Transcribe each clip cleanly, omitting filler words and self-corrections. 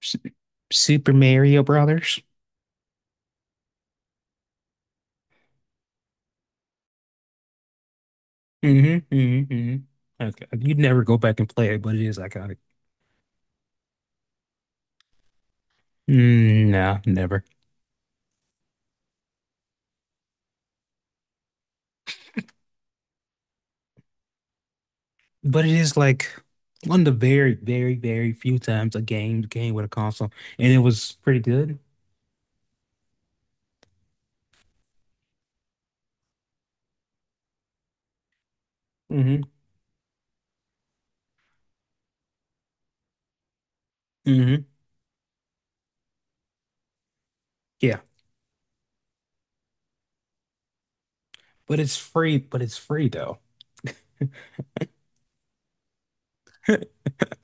Su- Super Mario Brothers. Mm-hmm. Okay. You'd never go back and play it, but it is iconic. Mm, no, never. But it is like one of the very, very, very few times a game came with a console, and it was pretty good. Mm-hmm. Mm-hmm. Yeah, but it's free. But it's free though.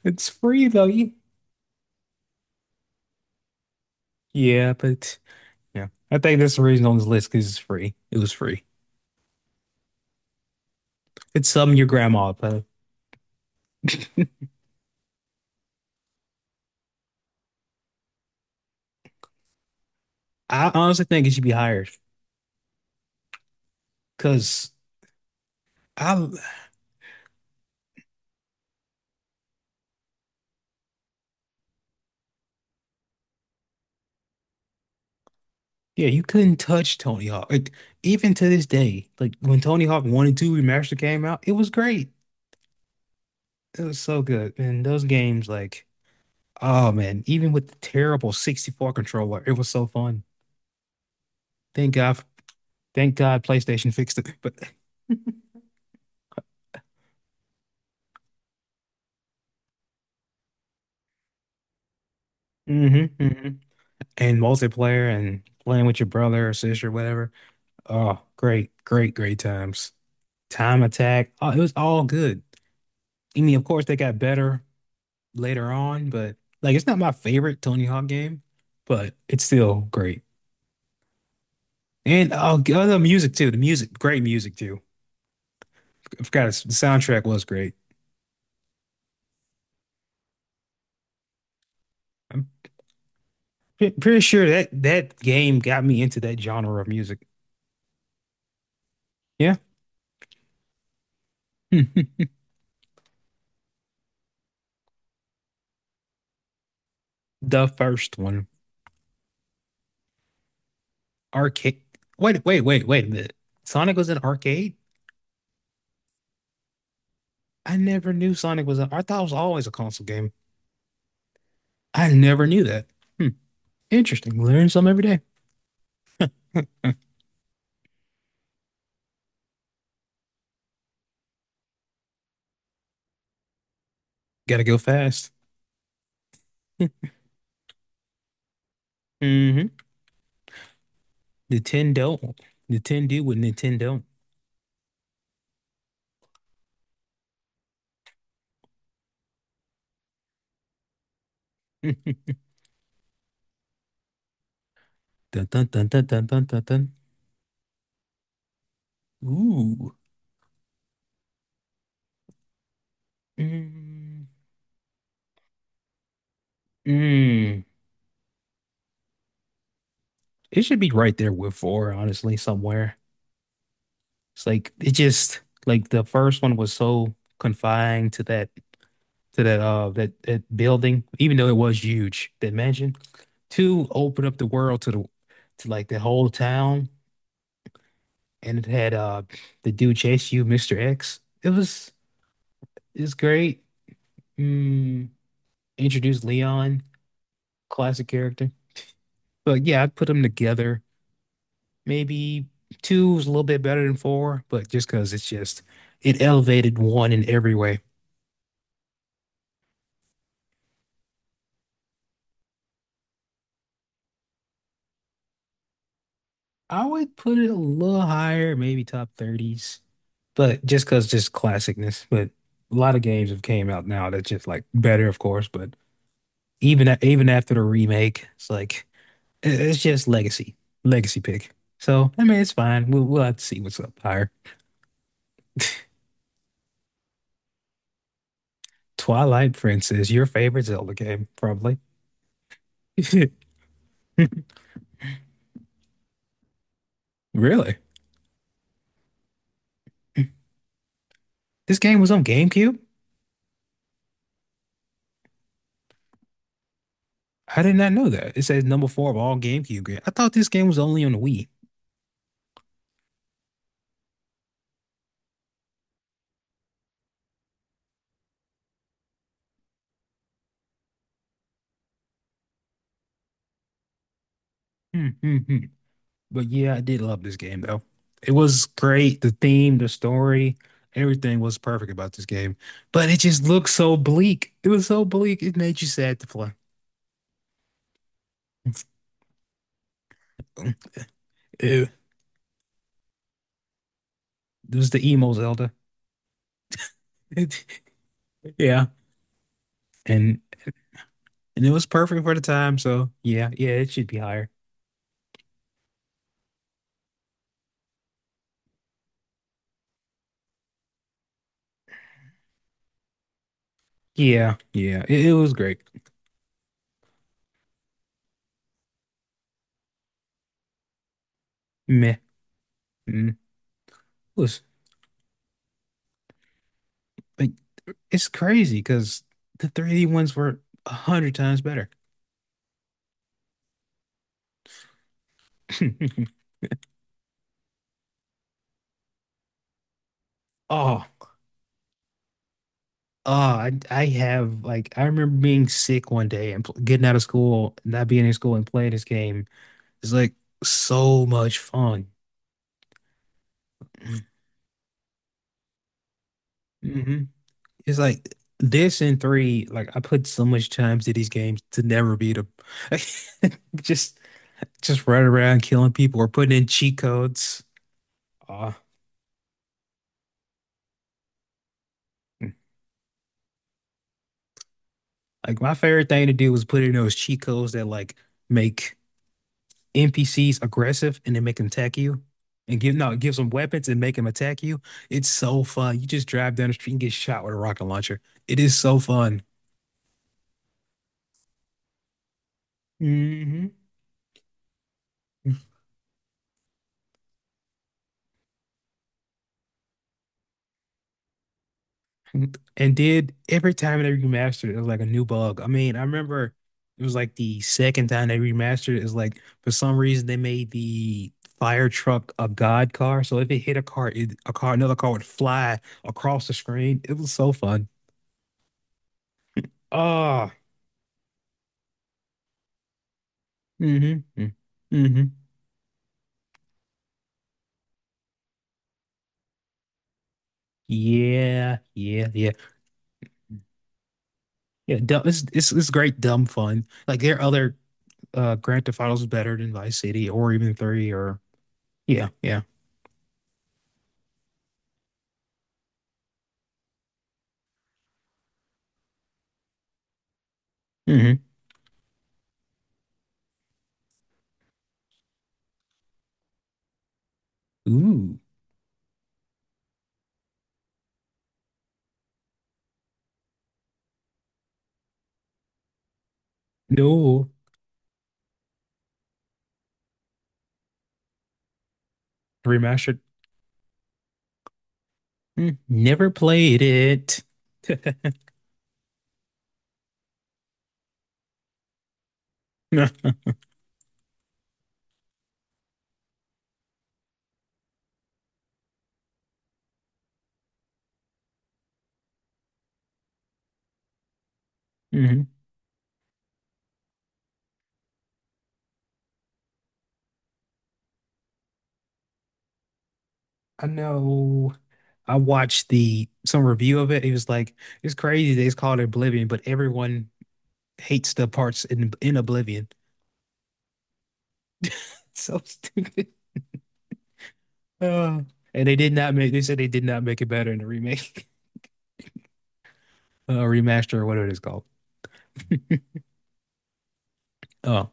It's free though. Yeah, but yeah, I think that's the reason on this list because it's free. It was free. It's something your grandma. But I honestly think it should be higher because I Yeah, you couldn't touch Tony Hawk. Like, even to this day, like when Tony Hawk 1 and 2 Remastered came out, it was great. It was so good. And those games, like, oh man, even with the terrible 64 controller, it was so fun. Thank God, thank God PlayStation fixed it. But hmm hmm and multiplayer and playing with your brother or sister, whatever. Oh, great, great, great times. Time Attack. Oh, it was all good. I mean, of course, they got better later on, but like it's not my favorite Tony Hawk game, but it's still great. And oh, oh, music too. The music, great music too. I forgot the soundtrack was great. I'm pretty sure that game got me into that genre of music. Yeah. Hmm. The first one, arcade. Wait, wait, wait, wait a minute. Sonic was an arcade? I never knew Sonic was an. I thought it was always a console game. I never knew that. Hmm. Interesting. Learn something every day. Gotta go fast. hmm Nintendo. Nintendo with Nintendo. Mm. Dun, dun, dun, dun, dun, dun, dun, dun. Ooh. Mm. Mm. It should be right there with four, honestly, somewhere. It's like it just like the first one was so confined to that that building, even though it was huge, that mansion. Two opened up the world to the to like the whole town, and it had the dude chase you, Mr. X. It's great. Mm, introduced Leon, classic character. But yeah, I'd put them together. Maybe two is a little bit better than four, but just because it's just it elevated one in every way. I would put it a little higher, maybe top 30s, but just because just classicness. But a lot of games have came out now that's just like better, of course. But even even after the remake, it's like it's just legacy, legacy pick. So I mean, it's fine. We'll have to see what's up higher. Twilight Princess, your favorite Zelda game, probably. Really? This game was on GameCube? I did not know that. It says number four of all GameCube games. I thought this game was only on the Wii. Hmm, hmm, hmm. But yeah, I did love this game though. It was great. The theme, the story, everything was perfect about this game. But it just looked so bleak. It was so bleak. It made you sad to play. Ew. It was the emo Zelda. Yeah. And and it was perfect for the time, so yeah, yeah, it should be higher. Yeah, yeah. It was great. Meh. Mm. It was like it's crazy because the 3D ones were a hundred times better. Oh, oh, I have like I remember being sick one day and getting out of school, not being in school and playing this game. It's like so much fun. hmm It's like this and three, like I put so much time to these games to never beat them. Just just running around killing people or putting in cheat codes. Uh, like my favorite thing to do was put in those cheat codes that like make NPCs aggressive and then make them attack you. And give no, it gives them weapons and make them attack you. It's so fun. You just drive down the street and get shot with a rocket launcher. It is so fun. hmm And did every time they remastered it, it was like a new bug. I mean, I remember it was like the second time they remastered it, is like for some reason they made the fire truck a god car. So if it hit a car, a car, another car would fly across the screen. It was so fun. Ah, mm-hmm. Mm-hmm. Yeah, yeah, yeah. Yeah, dumb, it's great dumb fun. Like there are other Grand Theft Autos better than Vice City or even 3 or yeah, yeah. Mm-hmm. Ooh. No. Remastered. Mm, never played it. No. Mhm. I know. I watched the some review of it. It was like it's crazy they called it Oblivion, but everyone hates the parts in Oblivion. It's so stupid. Uh, and they did not make. They said they did not make it better in the remake, remaster, or whatever it is called. Oh.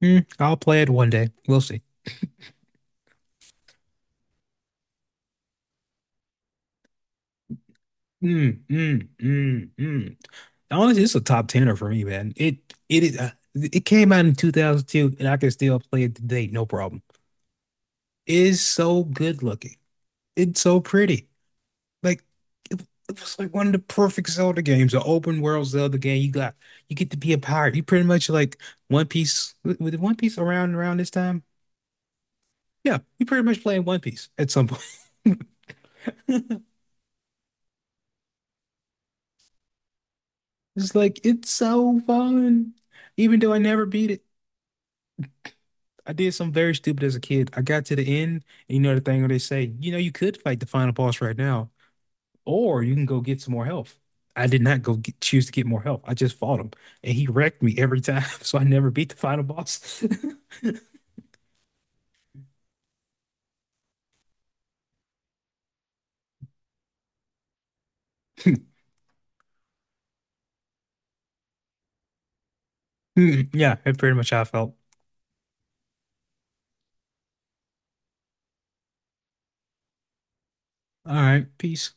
Hmm, I'll play it one day. We'll see. Mm, mm, mm, mm. Honestly, it's a top tenner for me, man. It is it came out in 2002, and I can still play it today, no problem. It is so good looking. It's so pretty. Like it was like one of the perfect Zelda games, an open world Zelda game. You get to be a pirate. You pretty much like One Piece with One Piece around this time. Yeah, you pretty much playing One Piece at some point. It's like it's so fun, even though I never beat it. I did something very stupid as a kid. I got to the end, and you know the thing where they say, you know, you could fight the final boss right now, or you can go get some more health. I did not go get, choose to get more health. I just fought him, and he wrecked me every time, so I never beat the final boss. Yeah, that's pretty much how I felt. All right, peace.